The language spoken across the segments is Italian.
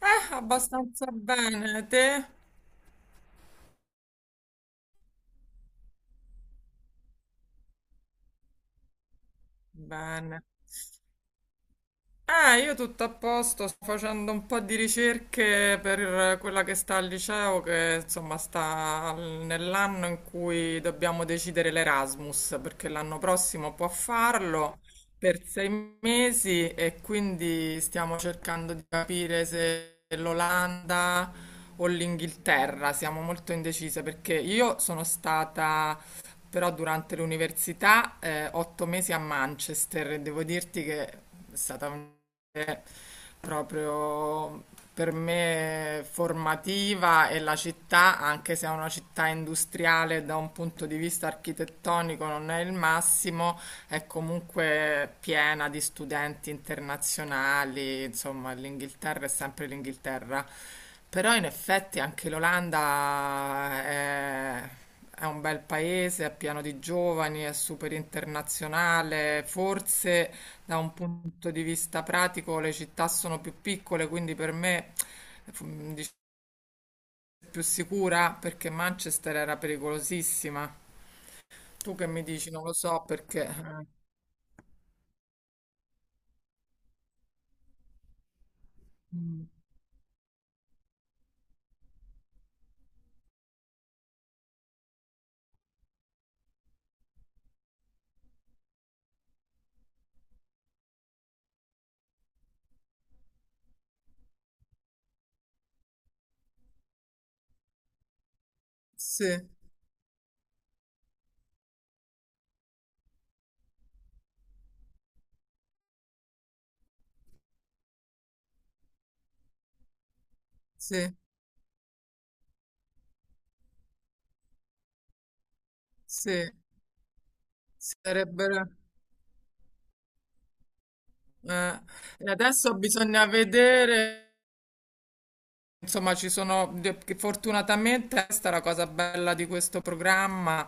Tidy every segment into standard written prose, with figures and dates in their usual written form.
Abbastanza bene, te? Bene. Io tutto a posto, sto facendo un po' di ricerche per quella che sta al liceo, che insomma nell'anno in cui dobbiamo decidere l'Erasmus, perché l'anno prossimo può farlo per 6 mesi e quindi stiamo cercando di capire se l'Olanda o l'Inghilterra, siamo molto indecise perché io sono stata. Però durante l'università, 8 mesi a Manchester, e devo dirti che è stata un- proprio per me formativa, e la città, anche se è una città industriale da un punto di vista architettonico non è il massimo, è comunque piena di studenti internazionali, insomma, l'Inghilterra è sempre l'Inghilterra. Però in effetti anche l'Olanda è un bel paese, è pieno di giovani, è super internazionale. Forse da un punto di vista pratico le città sono più piccole, quindi per me mi dice più sicura perché Manchester era pericolosissima. Tu che mi dici? Non lo so perché. Sì, sì. Sì, sarebbero. Eh. E adesso bisogna vedere, insomma, ci sono, che fortunatamente questa è la cosa bella di questo programma,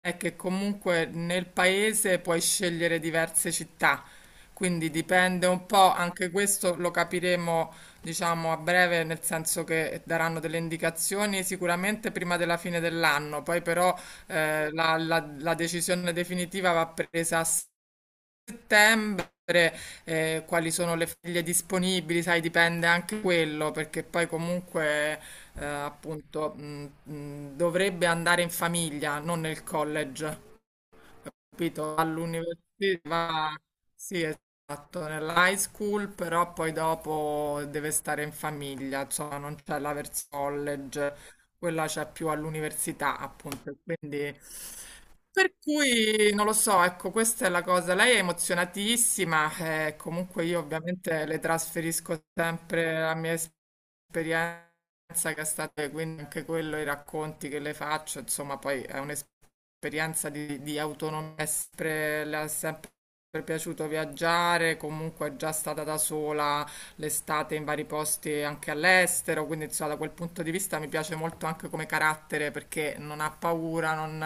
è che comunque nel paese puoi scegliere diverse città, quindi dipende un po', anche questo lo capiremo, diciamo, a breve, nel senso che daranno delle indicazioni sicuramente prima della fine dell'anno, poi però la decisione definitiva va presa a settembre, quali sono le foglie disponibili, sai, dipende anche quello, perché poi comunque appunto dovrebbe andare in famiglia, non nel college, capito? All'università, sì, esatto, nell'high school, però poi dopo deve stare in famiglia, insomma, non c'è la verso college, quella c'è più all'università, appunto. Quindi, per cui non lo so, ecco, questa è la cosa. Lei è emozionatissima, comunque io ovviamente le trasferisco sempre la mia esperienza che è stata, quindi anche quello, i racconti che le faccio, insomma, poi è un'esperienza di autonomia, è sempre, le è sempre piaciuto viaggiare, comunque è già stata da sola l'estate in vari posti anche all'estero, quindi insomma, da quel punto di vista mi piace molto anche come carattere perché non ha paura, non,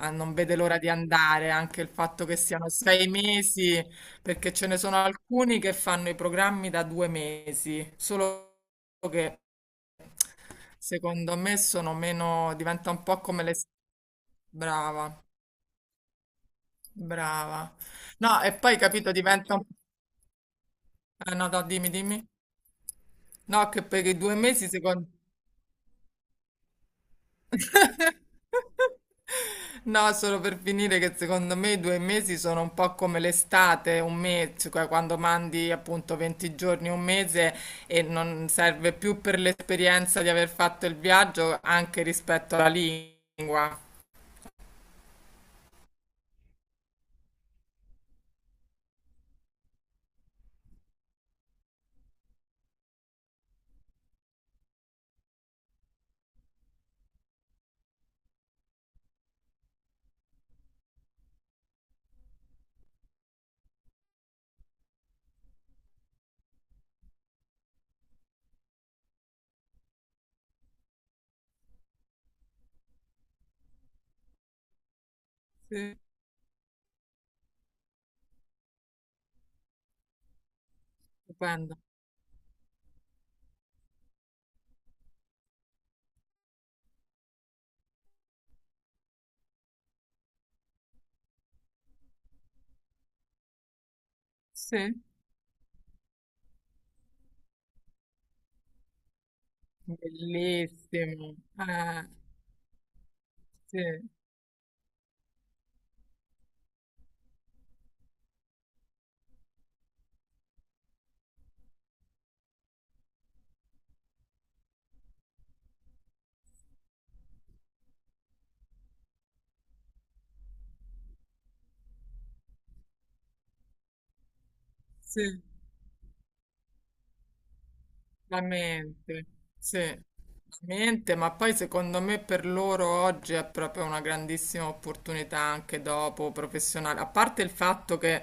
non vede l'ora di andare, anche il fatto che siano 6 mesi perché ce ne sono alcuni che fanno i programmi da 2 mesi, solo che secondo me sono meno, diventa un po' come le. Brava, brava. No, e poi capito, diventa un... no, no, dimmi, dimmi. No, che per i 2 mesi secondo... No, solo per finire che secondo me i 2 mesi sono un po' come l'estate, un mese, cioè quando mandi appunto 20 giorni, un mese e non serve più per l'esperienza di aver fatto il viaggio anche rispetto alla lingua. Sì, stupendo. Sì. Bellissimo. Sì, sì. La mente, sì, la mente, ma poi secondo me per loro oggi è proprio una grandissima opportunità anche dopo professionale, a parte il fatto che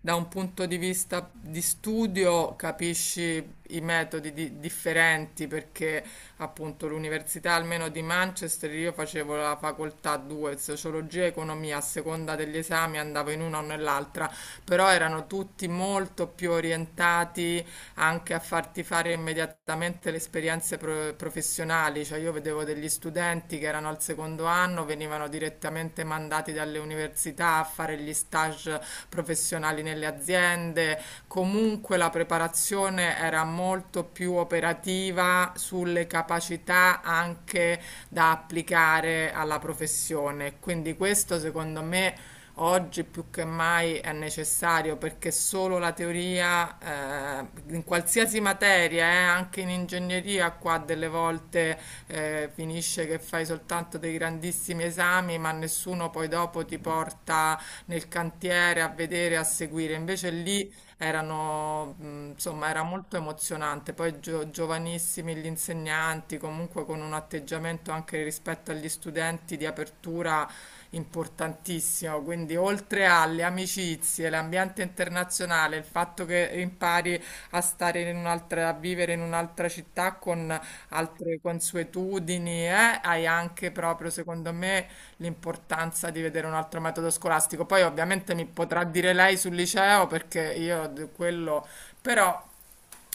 da un punto di vista di studio capisci i differenti, perché appunto l'università almeno di Manchester, io facevo la facoltà 2, sociologia e economia, a seconda degli esami andavo in una o nell'altra, però erano tutti molto più orientati anche a farti fare immediatamente le professionali, cioè io vedevo degli studenti che erano al secondo anno, venivano direttamente mandati dalle università a fare gli stage professionali nelle aziende, comunque la preparazione era molto più operativa sulle capacità anche da applicare alla professione, quindi questo secondo me oggi più che mai è necessario perché solo la teoria in qualsiasi materia, anche in ingegneria, qua delle volte finisce che fai soltanto dei grandissimi esami, ma nessuno poi dopo ti porta nel cantiere a vedere, a seguire. Invece lì erano, insomma, era molto emozionante. Poi giovanissimi gli insegnanti, comunque con un atteggiamento anche rispetto agli studenti di apertura importantissimo, quindi oltre alle amicizie, l'ambiente internazionale, il fatto che impari a stare in un'altra, a vivere in un'altra città con altre consuetudini, hai anche proprio, secondo me, l'importanza di vedere un altro metodo scolastico. Poi ovviamente mi potrà dire lei sul liceo perché io quello, però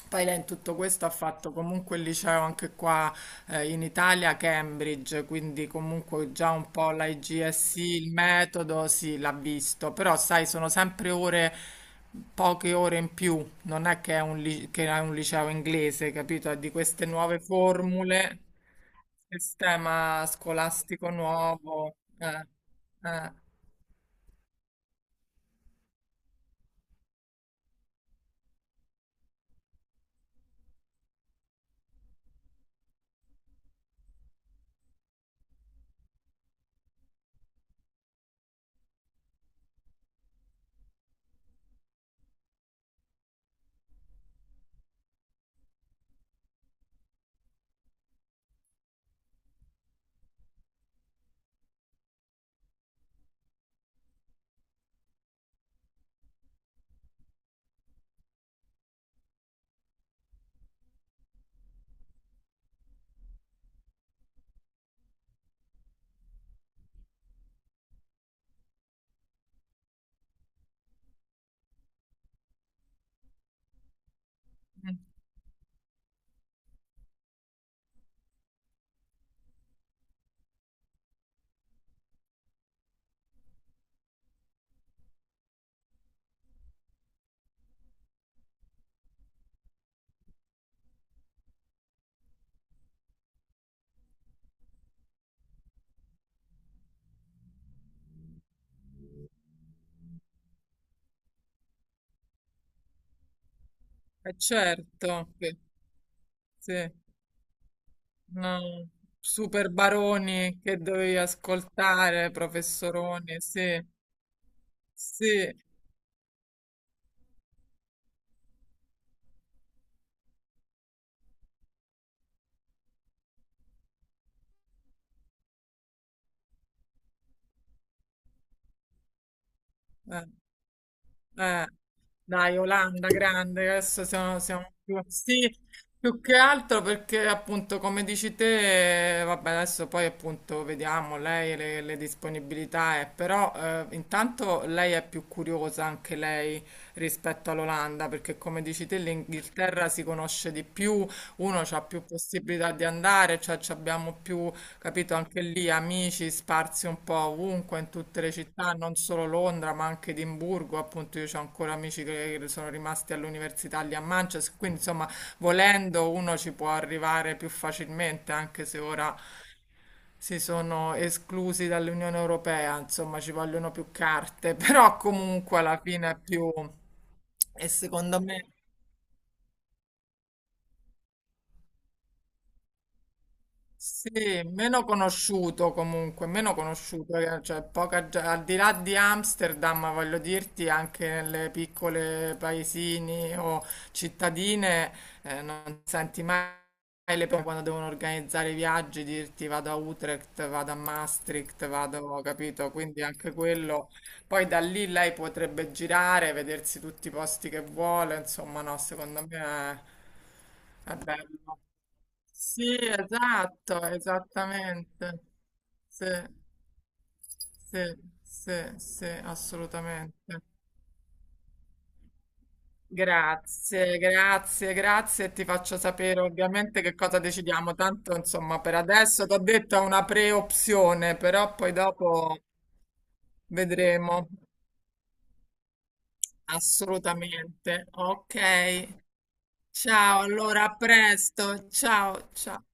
poi lei in tutto questo ha fatto comunque il liceo anche qua in Italia, a Cambridge, quindi comunque già un po' l'IGSE, il metodo, sì, l'ha visto, però sai, sono sempre ore, poche ore in più, non è che è un, che è un liceo inglese, capito? È di queste nuove formule, sistema scolastico nuovo, eh, è certo che sì. No, super baroni che dovevi ascoltare, professoroni, sì, sì. Eh. Eh, dai, Olanda grande, adesso siamo più, sì, più che altro perché appunto come dici te, vabbè adesso poi appunto vediamo lei e le disponibilità, però intanto lei è più curiosa anche lei rispetto all'Olanda perché come dici te l'Inghilterra si conosce di più, uno ha più possibilità di andare, cioè ci abbiamo più. Capito? Anche lì amici sparsi un po' ovunque, in tutte le città, non solo Londra, ma anche Edimburgo. Appunto, io ho ancora amici che sono rimasti all'università lì a Manchester. Quindi, insomma, volendo uno ci può arrivare più facilmente, anche se ora si sono esclusi dall'Unione Europea, insomma, ci vogliono più carte, però comunque alla fine è più... E secondo me... Sì, meno conosciuto comunque, meno conosciuto, cioè poca, al di là di Amsterdam, voglio dirti, anche nelle piccole paesini o cittadine non senti mai le persone quando devono organizzare i viaggi, dirti vado a Utrecht, vado a Maastricht, vado, capito? Quindi anche quello, poi da lì lei potrebbe girare, vedersi tutti i posti che vuole, insomma no, secondo me è bello. Sì, esatto, esattamente. Sì, sì, sì, sì, assolutamente. Grazie, grazie, grazie. E ti faccio sapere ovviamente che cosa decidiamo. Tanto, insomma, per adesso ti ho detto è una pre-opzione, però poi dopo vedremo. Assolutamente. Ok. Ciao, allora a presto. Ciao, ciao.